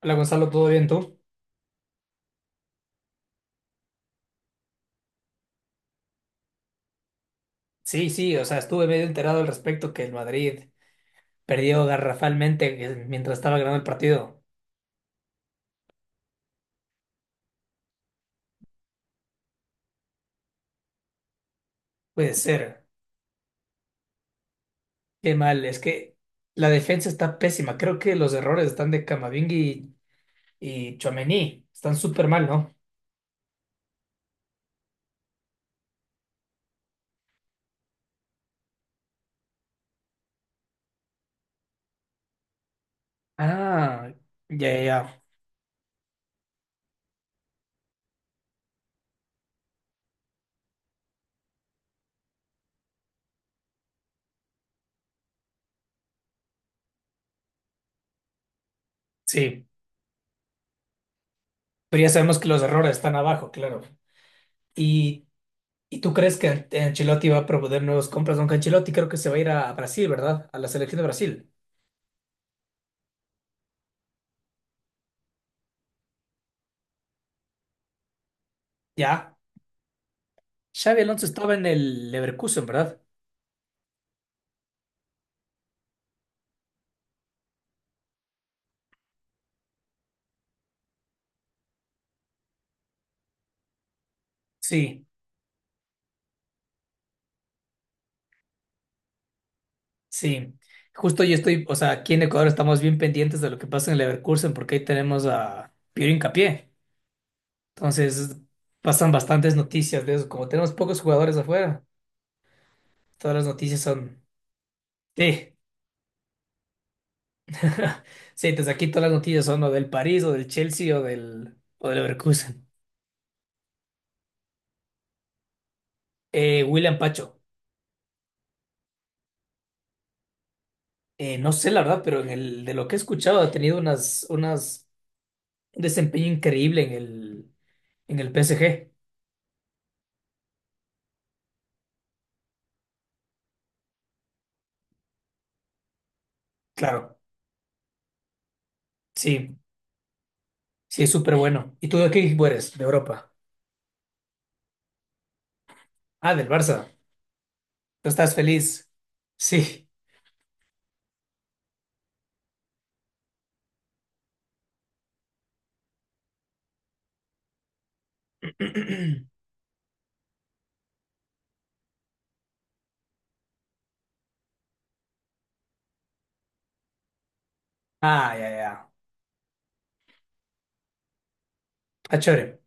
Hola Gonzalo, ¿todo bien tú? Sí, sí, o sea, estuve medio enterado al respecto que el Madrid perdió garrafalmente mientras estaba ganando el partido. Puede ser. Qué mal, es que la defensa está pésima. Creo que los errores están de Camavinga y Tchouaméni. Están súper mal, ¿no? Ah, ya, ya, ya. Sí, pero ya sabemos que los errores están abajo, claro. ¿Y, y tú crees que Ancelotti va a proponer nuevas compras? Aunque Ancelotti creo que se va a ir a Brasil, ¿verdad? A la selección de Brasil. ¿Ya? Xavi Alonso estaba en el Leverkusen, ¿verdad? Sí, sí. Justo yo estoy, o sea, aquí en Ecuador estamos bien pendientes de lo que pasa en el Leverkusen porque ahí tenemos a Piero Hincapié. Entonces, pasan bastantes noticias de eso. Como tenemos pocos jugadores afuera, todas las noticias son... Sí, sí, desde aquí todas las noticias son o del París o del Chelsea o del Leverkusen. William Pacho, no sé la verdad, pero de lo que he escuchado ha tenido unas, un desempeño increíble en el PSG. Claro, sí, sí, es súper bueno. ¿Y tú de qué equipo eres? De Europa. Ah, del Barça. ¿Tú estás feliz? Sí. Ah, ya, ya. ya. Ah, chévere.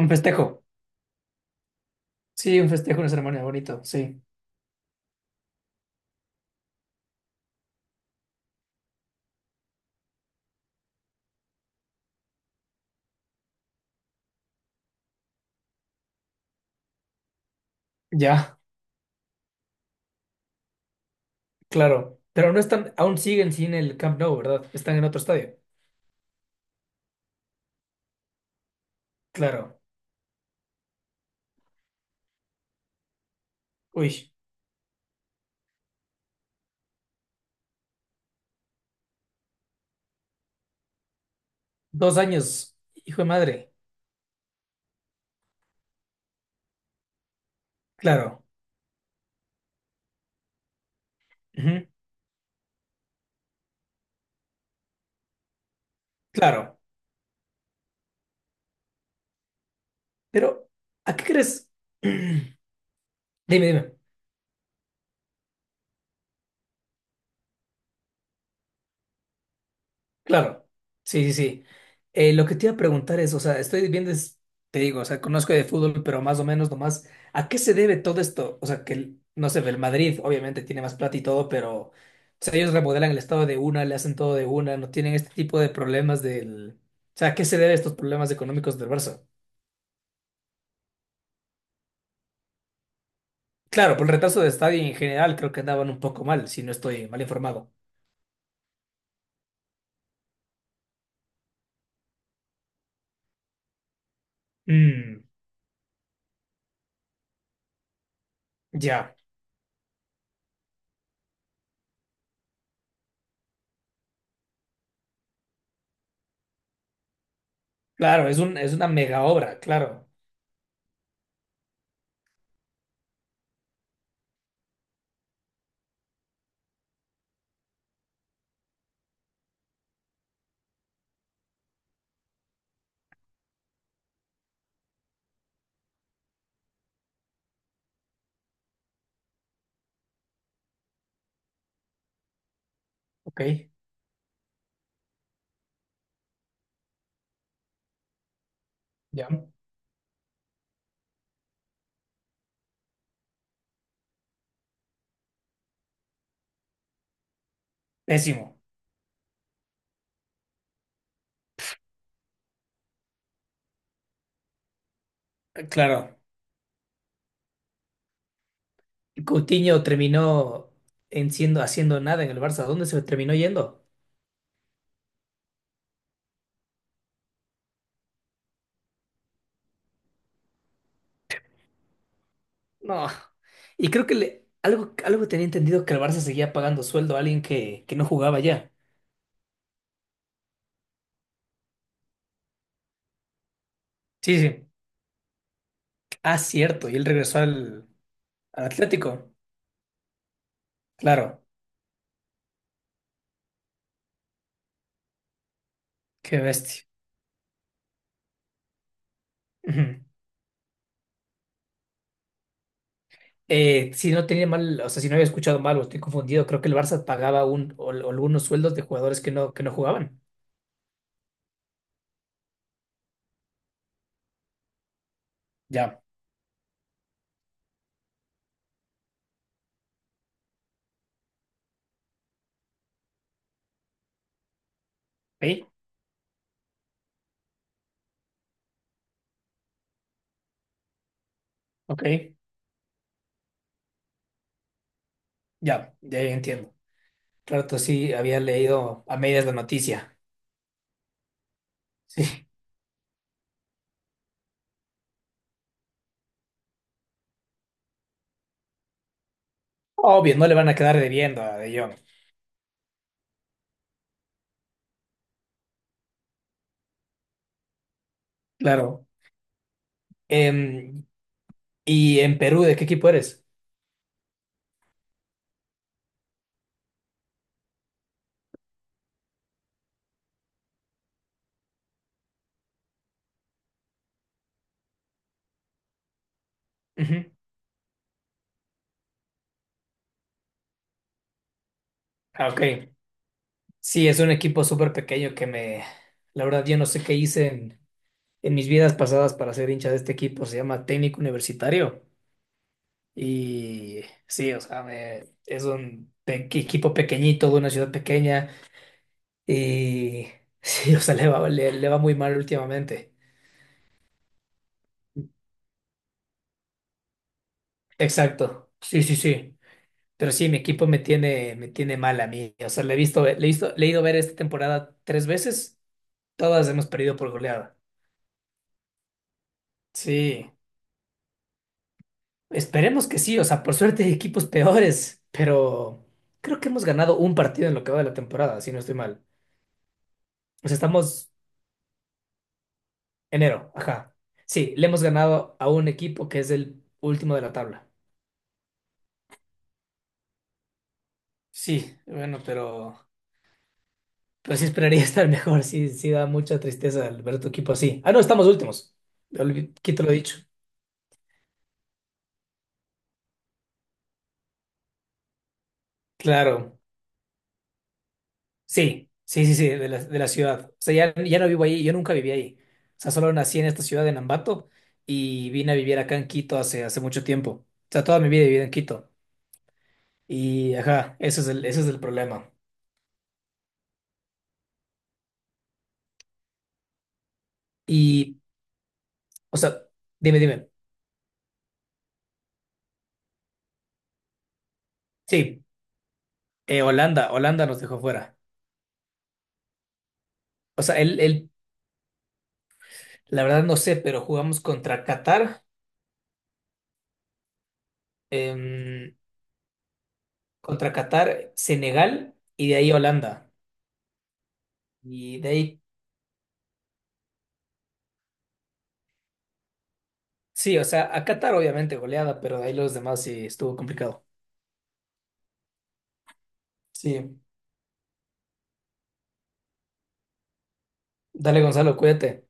Un festejo. Sí, un festejo, una ceremonia bonito, sí. Ya, claro. Pero no están, aún siguen sin el Camp Nou, ¿verdad? Están en otro estadio. Claro. Uy, dos años, hijo de madre. Claro. Ujú, claro. Pero, ¿a qué crees? Dime, dime. Claro, sí, sí, sí. Lo que te iba a preguntar es, o sea, estoy viendo, te digo, o sea, conozco de fútbol, pero más o menos nomás, ¿a qué se debe todo esto? O sea, no sé, el Madrid obviamente tiene más plata y todo, pero, o sea, ellos remodelan el estado de una, le hacen todo de una, no tienen este tipo de problemas del... O sea, ¿a qué se deben estos problemas económicos del Barça? Claro, por el retraso de estadio en general creo que andaban un poco mal, si no estoy mal informado. Mm, ya, claro, es una mega obra, claro. Ok, ya. Pésimo, claro. Coutinho terminó en siendo, haciendo nada en el Barça. ¿Dónde se terminó yendo? No. Y creo que algo, algo tenía entendido que el Barça seguía pagando sueldo a alguien que no jugaba ya. Sí, sí. Ah, cierto. Y él regresó al Atlético. Claro. Qué bestia. Ujú. Si no tenía mal, o sea, si no había escuchado mal o estoy confundido, creo que el Barça pagaba o algunos sueldos de jugadores que no jugaban. Ya. ¿Sí? Ok. Ya. Ya entiendo. Claro, tú sí había leído a medias la noticia. Sí, obvio, no le van a quedar debiendo a De Jong, claro. Em, ¿Y en Perú, de qué equipo eres? Ujú. Ah, ok. Sí, es un equipo súper pequeño que me... La verdad, yo no sé qué hice en mis vidas pasadas para ser hincha de este equipo. Se llama Técnico Universitario. Y sí, o sea, es un equipo pequeñito de una ciudad pequeña. Y sí, o sea, le va, le va muy mal últimamente. Exacto. Sí, sí, sí. Pero sí, mi equipo me tiene mal a mí. O sea, le he visto, le he visto, le he ido a ver esta temporada tres veces. Todas hemos perdido por goleada. Sí, esperemos que sí. O sea, por suerte hay equipos peores, pero creo que hemos ganado un partido en lo que va de la temporada, si no estoy mal. O sea, estamos enero, ajá. Sí, le hemos ganado a un equipo que es el último de la tabla. Sí, bueno, pero sí esperaría estar mejor. Sí, sí da mucha tristeza al ver a tu equipo así. Ah, no, estamos últimos. Quito lo dicho. Claro. Sí, sí, sí, sí, de la ciudad. O sea, ya, ya no vivo ahí, yo nunca viví ahí. O sea, solo nací en esta ciudad de Nambato y vine a vivir acá en Quito hace, hace mucho tiempo. O sea, toda mi vida he vivido en Quito. Y, ajá, ese es ese es el problema. Y, o sea, dime, dime. Sí, Holanda, Holanda nos dejó fuera. O sea, él, la verdad no sé, pero jugamos contra Qatar, em, contra Qatar, Senegal y de ahí Holanda. Y de ahí sí, o sea, a Qatar obviamente goleada, pero de ahí los demás sí estuvo complicado. Sí, dale Gonzalo, cuídate.